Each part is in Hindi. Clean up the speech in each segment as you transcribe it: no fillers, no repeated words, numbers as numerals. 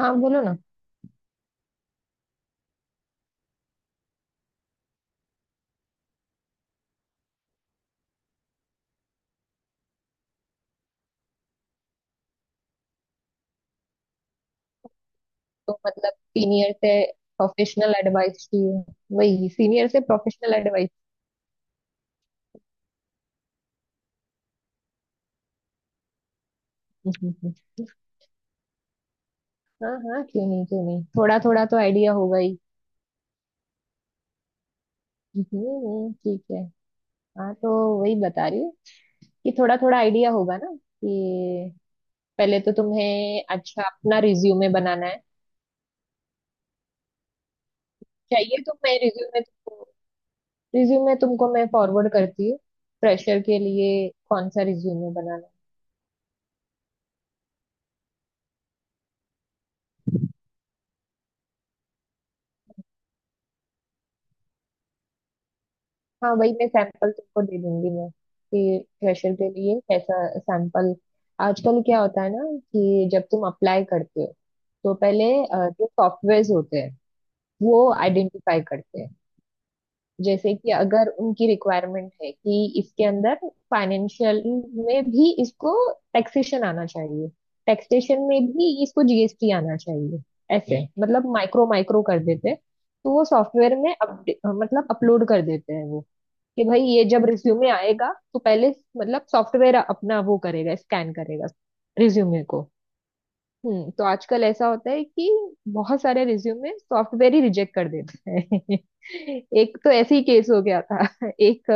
हाँ बोलो ना। तो मतलब सीनियर से प्रोफेशनल एडवाइस चाहिए। वही सीनियर से प्रोफेशनल एडवाइस। हाँ हाँ, क्यों नहीं क्यों नहीं, थोड़ा थोड़ा तो आइडिया होगा ही। ठीक है। हाँ तो वही बता रही हूँ कि थोड़ा थोड़ा आइडिया होगा ना कि पहले तो तुम्हें अच्छा अपना रिज्यूमे बनाना है। चाहिए तो मैं रिज्यूमे तुमको मैं फॉरवर्ड करती हूँ। फ्रेशर के लिए कौन सा रिज्यूमे बनाना है। हाँ वही मैं सैंपल तुमको दे दूंगी मैं कि फ्रेशर के लिए कैसा सैंपल। आजकल क्या होता है ना कि जब तुम अप्लाई करते हो तो पहले जो सॉफ्टवेयर होते हैं वो आइडेंटिफाई करते हैं। जैसे कि अगर उनकी रिक्वायरमेंट है कि इसके अंदर फाइनेंशियल में भी इसको टैक्सेशन आना चाहिए। टैक्सेशन में भी इसको GST आना चाहिए। ऐसे मतलब माइक्रो माइक्रो कर देते हैं। तो वो सॉफ्टवेयर में अपडे मतलब अपलोड कर देते हैं वो कि भाई ये जब रिज्यूमे आएगा तो पहले मतलब सॉफ्टवेयर अपना वो करेगा, स्कैन करेगा रिज्यूमे को। तो आजकल ऐसा होता है कि बहुत सारे रिज्यूमे सॉफ्टवेयर ही रिजेक्ट कर देता है एक तो ऐसे ही केस हो गया था एक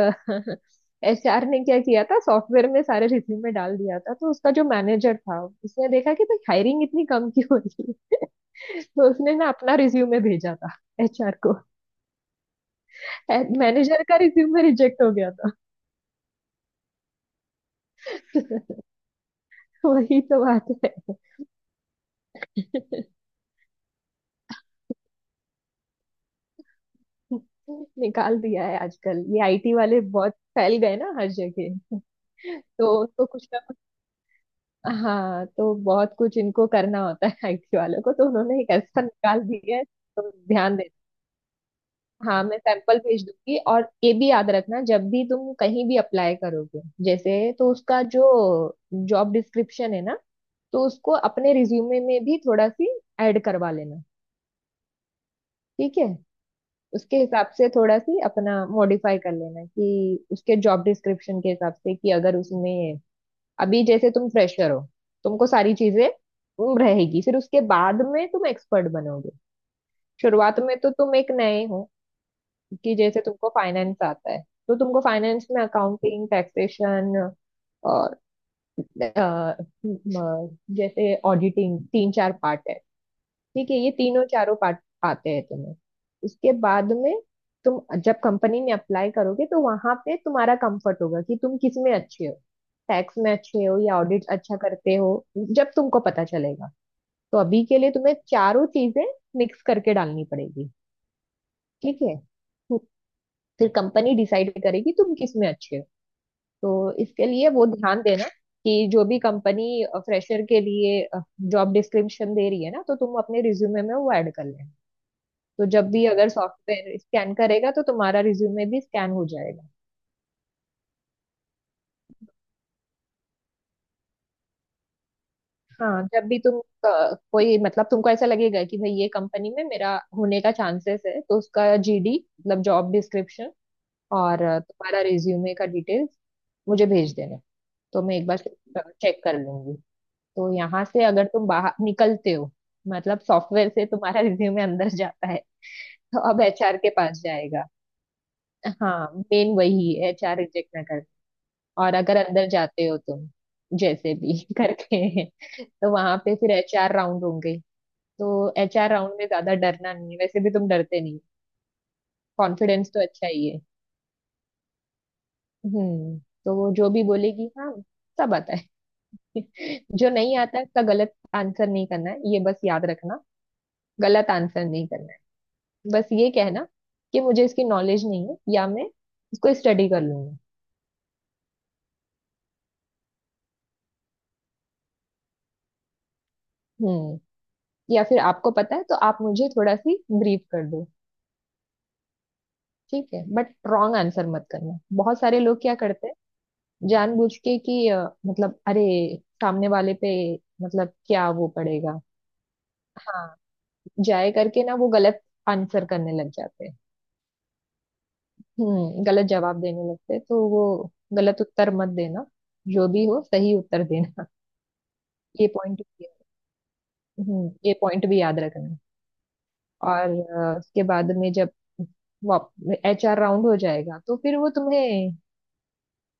एचआर ने क्या किया था, सॉफ्टवेयर में सारे रिज्यूमे डाल दिया था। तो उसका जो मैनेजर था उसने देखा कि भाई हायरिंग इतनी कम क्यों हो रही है। तो उसने ना अपना रिज्यूमे भेजा था HR को। मैनेजर का रिज्यूमे रिजेक्ट हो गया था वही तो बात है निकाल दिया है आजकल, ये IT वाले बहुत फैल गए ना हर जगह। तो उनको कुछ ना कुछ। हाँ, तो बहुत कुछ इनको करना होता है IT वालों को, तो उन्होंने एक ऐसा निकाल दिया है, तो ध्यान दे। हाँ मैं सैंपल भेज दूंगी, और ये भी याद रखना जब भी तुम कहीं भी अप्लाई करोगे जैसे, तो उसका जो जॉब डिस्क्रिप्शन है ना, तो उसको अपने रिज्यूमे में भी थोड़ा सी ऐड करवा लेना। ठीक है। उसके हिसाब से थोड़ा सी अपना मॉडिफाई कर लेना कि उसके जॉब डिस्क्रिप्शन के हिसाब से, कि अगर उसमें अभी जैसे तुम फ्रेशर हो, तुमको सारी चीजें तुम रहेगी, फिर उसके बाद में तुम एक्सपर्ट बनोगे। शुरुआत में तो तुम एक नए हो। कि जैसे तुमको फाइनेंस आता है, तो तुमको फाइनेंस में अकाउंटिंग, टैक्सेशन और अ, अ, जैसे ऑडिटिंग, तीन चार पार्ट है। ठीक है, ये तीनों चारों पार्ट आते हैं तुम्हें। उसके बाद में तुम जब कंपनी में अप्लाई करोगे, तो वहां पे तुम्हारा कंफर्ट होगा कि तुम किस में अच्छे हो। टैक्स में अच्छे हो या ऑडिट अच्छा करते हो, जब तुमको पता चलेगा। तो अभी के लिए तुम्हें चारों चीजें मिक्स करके डालनी पड़ेगी। ठीक है। फिर कंपनी डिसाइड करेगी तुम किस में अच्छे हो। तो इसके लिए वो ध्यान देना, कि जो भी कंपनी फ्रेशर के लिए जॉब डिस्क्रिप्शन दे रही है ना, तो तुम अपने रिज्यूमे में वो ऐड कर लेना। तो जब भी अगर सॉफ्टवेयर स्कैन करेगा तो तुम्हारा रिज्यूमे भी स्कैन हो जाएगा। हाँ, जब भी तुम कोई मतलब, तुमको ऐसा लगेगा कि भाई ये कंपनी में मेरा होने का चांसेस है, तो उसका JD, मतलब जॉब डिस्क्रिप्शन, और तुम्हारा रिज्यूमे का डिटेल्स मुझे भेज देना। तो मैं एक बार चेक कर लूंगी। तो यहाँ से अगर तुम बाहर निकलते हो मतलब सॉफ्टवेयर से, तुम्हारा रिज्यूमे अंदर जाता है तो अब HR के पास जाएगा। हाँ, मेन वही, HR रिजेक्ट ना। और अगर अंदर जाते हो तुम जैसे भी करके, तो वहां पे फिर HR राउंड होंगे। तो HR राउंड में ज्यादा डरना नहीं है, वैसे भी तुम डरते नहीं। कॉन्फिडेंस तो अच्छा ही है। हम्म तो वो जो भी बोलेगी, हाँ सब आता है। जो नहीं आता है उसका गलत आंसर नहीं करना है, ये बस याद रखना। गलत आंसर नहीं करना है। बस ये कहना कि मुझे इसकी नॉलेज नहीं है, या मैं इसको स्टडी कर लूंगा। हम्म या फिर आपको पता है तो आप मुझे थोड़ा सी ब्रीफ कर दो। ठीक है, बट रॉन्ग आंसर मत करना। बहुत सारे लोग क्या करते हैं जानबूझ के, कि मतलब अरे सामने वाले पे, मतलब क्या वो पड़ेगा। हाँ, जाए करके ना वो गलत आंसर करने लग जाते हैं। गलत जवाब देने लगते हैं, तो वो गलत उत्तर मत देना, जो भी हो सही उत्तर देना। ये पॉइंट भी, ये पॉइंट भी याद रखना। और उसके बाद में जब HR राउंड हो जाएगा तो फिर वो तुम्हें,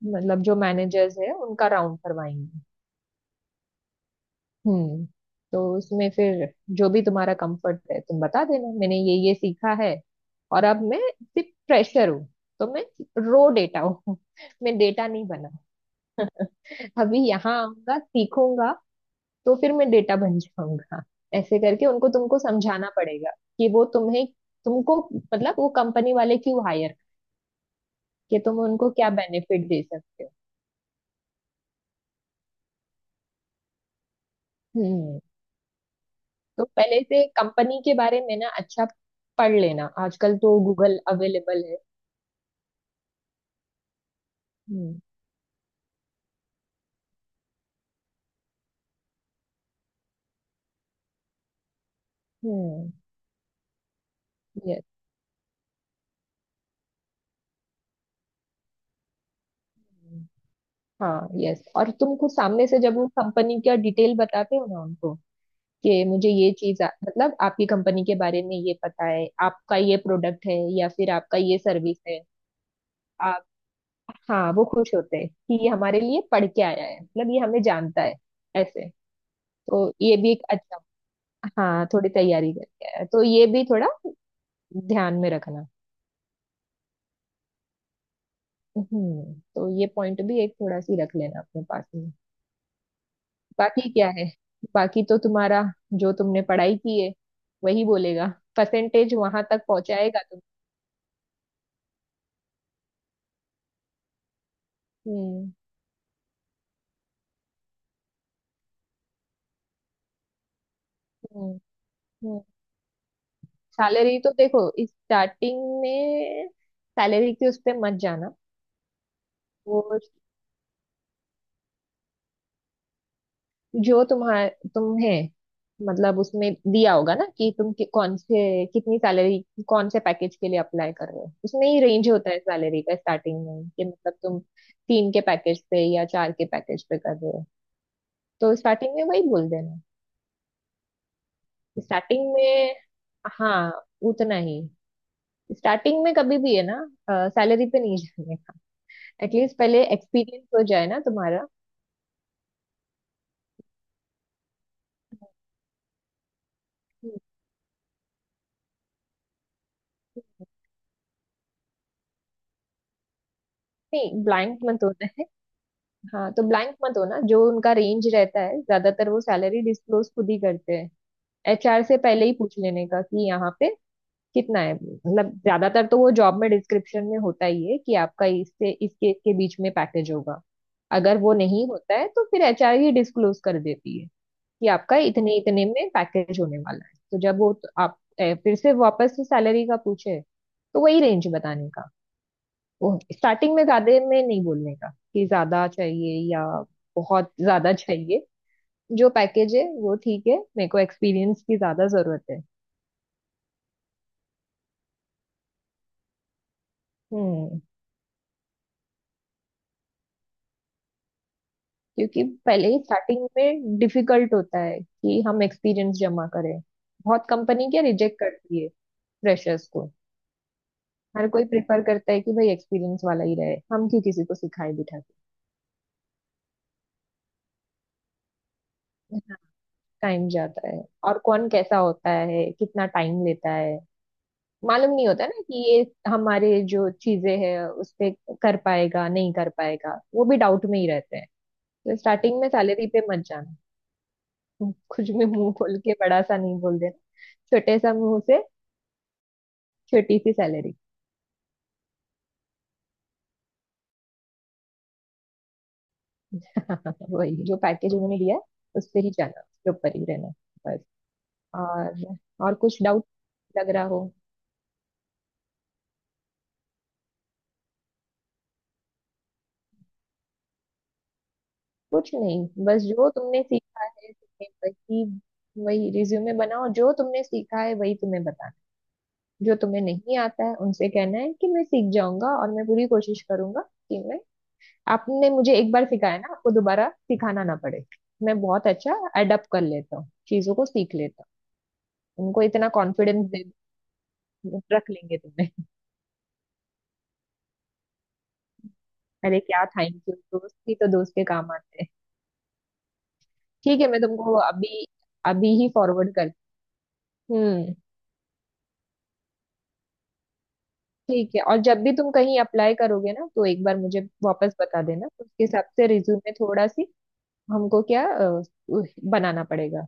मतलब जो मैनेजर्स है उनका राउंड करवाएंगे। हम्म तो उसमें फिर जो भी तुम्हारा कंफर्ट है तुम बता देना, मैंने ये सीखा है, और अब मैं सिर्फ फ्रेशर हूँ। तो मैं रो डेटा हूँ मैं डेटा नहीं बना, अभी यहाँ आऊंगा सीखूंगा तो फिर मैं डेटा बन जाऊंगा। ऐसे करके उनको तुमको समझाना पड़ेगा कि वो तुम्हें, तुमको मतलब वो कंपनी वाले क्यों हायर, कि तुम उनको क्या बेनिफिट दे सकते हो। हम्म तो पहले से कंपनी के बारे में ना अच्छा पढ़ लेना, आजकल तो गूगल अवेलेबल है। हम्म, हम्म, यस, हाँ, यस, और तुम खुद सामने से जब वो कंपनी का डिटेल बताते हो ना उनको, कि मुझे ये चीज मतलब आपकी कंपनी के बारे में ये पता है, आपका ये प्रोडक्ट है या फिर आपका ये सर्विस है। आप हाँ, वो खुश होते हैं कि ये हमारे लिए पढ़ के आया है, मतलब ये हमें जानता है, ऐसे। तो ये भी एक अच्छा। हाँ, थोड़ी तैयारी करके आया है। तो ये भी थोड़ा ध्यान में रखना। तो ये पॉइंट भी एक थोड़ा सी रख लेना अपने पास में। बाकी क्या है, बाकी तो तुम्हारा जो तुमने पढ़ाई की है वही बोलेगा, परसेंटेज वहां तक पहुंचाएगा तुम। हम्म, हम्म, हम्म, सैलरी तो देखो स्टार्टिंग में, सैलरी के उस पे मत जाना। वो जो तुम्हार तुम्हें, मतलब उसमें दिया होगा ना कि कौन से कितनी सैलरी, कौन से पैकेज के लिए अप्लाई कर रहे हो, उसमें ही रेंज होता है सैलरी का स्टार्टिंग में, कि मतलब तुम तीन के पैकेज पे या चार के पैकेज पे कर रहे हो। तो स्टार्टिंग में वही बोल देना। स्टार्टिंग में, हाँ उतना ही। स्टार्टिंग में कभी भी है ना, सैलरी पे नहीं जाने का। एटलीस्ट पहले एक्सपीरियंस हो जाए ना तुम्हारा। नहीं, ब्लैंक मत होना है। हाँ तो ब्लैंक मत होना, जो उनका रेंज रहता है ज्यादातर, वो सैलरी डिस्क्लोज खुद ही करते हैं। एचआर से पहले ही पूछ लेने का कि यहाँ पे कितना है, मतलब ज्यादातर तो वो जॉब में डिस्क्रिप्शन में होता ही है कि आपका इससे इसके इसके बीच में पैकेज होगा। अगर वो नहीं होता है तो फिर HR ही डिस्क्लोज कर देती है कि आपका इतने इतने में पैकेज होने वाला है। तो जब वो, तो आप फिर से वापस से सैलरी का पूछे, तो वही रेंज बताने का। वो स्टार्टिंग में ज्यादा में नहीं बोलने का कि ज्यादा चाहिए या बहुत ज्यादा चाहिए। जो पैकेज है वो ठीक है, मेरे को एक्सपीरियंस की ज्यादा जरूरत है। हम्म क्योंकि पहले ही स्टार्टिंग में डिफिकल्ट होता है कि हम एक्सपीरियंस जमा करें। बहुत कंपनी क्या रिजेक्ट करती है फ्रेशर्स को। हर कोई प्रेफर करता है कि भाई एक्सपीरियंस वाला ही रहे, हम क्यों किसी को सिखाए बिठा। टाइम जाता है। और कौन कैसा होता है, कितना टाइम लेता है मालूम नहीं होता ना, कि ये हमारे जो चीजें हैं उस पे कर पाएगा नहीं कर पाएगा, वो भी डाउट में ही रहते हैं। तो स्टार्टिंग में सैलरी पे मत जाना। कुछ भी मुंह खोल के बड़ा सा नहीं बोल देना, छोटे सा मुंह से छोटी सी सैलरी वही जो पैकेज उन्होंने दिया है उस पे ही जाना, उसके ऊपर ही रहना। बस। और और कुछ डाउट लग रहा हो। कुछ नहीं, बस जो तुमने सीखा है, तुमने वही वही रिज्यूमे बनाओ, जो तुमने सीखा है वही तुम्हें बताना है। जो तुम्हें नहीं आता है उनसे कहना है कि मैं सीख जाऊंगा, और मैं पूरी कोशिश करूंगा कि मैं, आपने मुझे एक बार सिखाया ना, आपको दोबारा सिखाना ना पड़े। मैं बहुत अच्छा अडप्ट कर लेता हूँ, चीजों को सीख लेता हूँ, उनको इतना कॉन्फिडेंस दे, रख लेंगे तुम्हें अरे क्या थैंक यू, दोस्त ही तो दोस्त के काम आते हैं। ठीक है, मैं तुमको अभी, अभी ही फॉरवर्ड कर। हम्म, ठीक है, और जब भी तुम कहीं अप्लाई करोगे ना तो एक बार मुझे वापस बता देना, उसके हिसाब से रिज्यूमे थोड़ा सी हमको क्या उह, बनाना पड़ेगा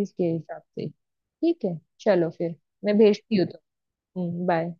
इसके हिसाब से। ठीक है चलो फिर, मैं भेजती हूँ तो। बाय।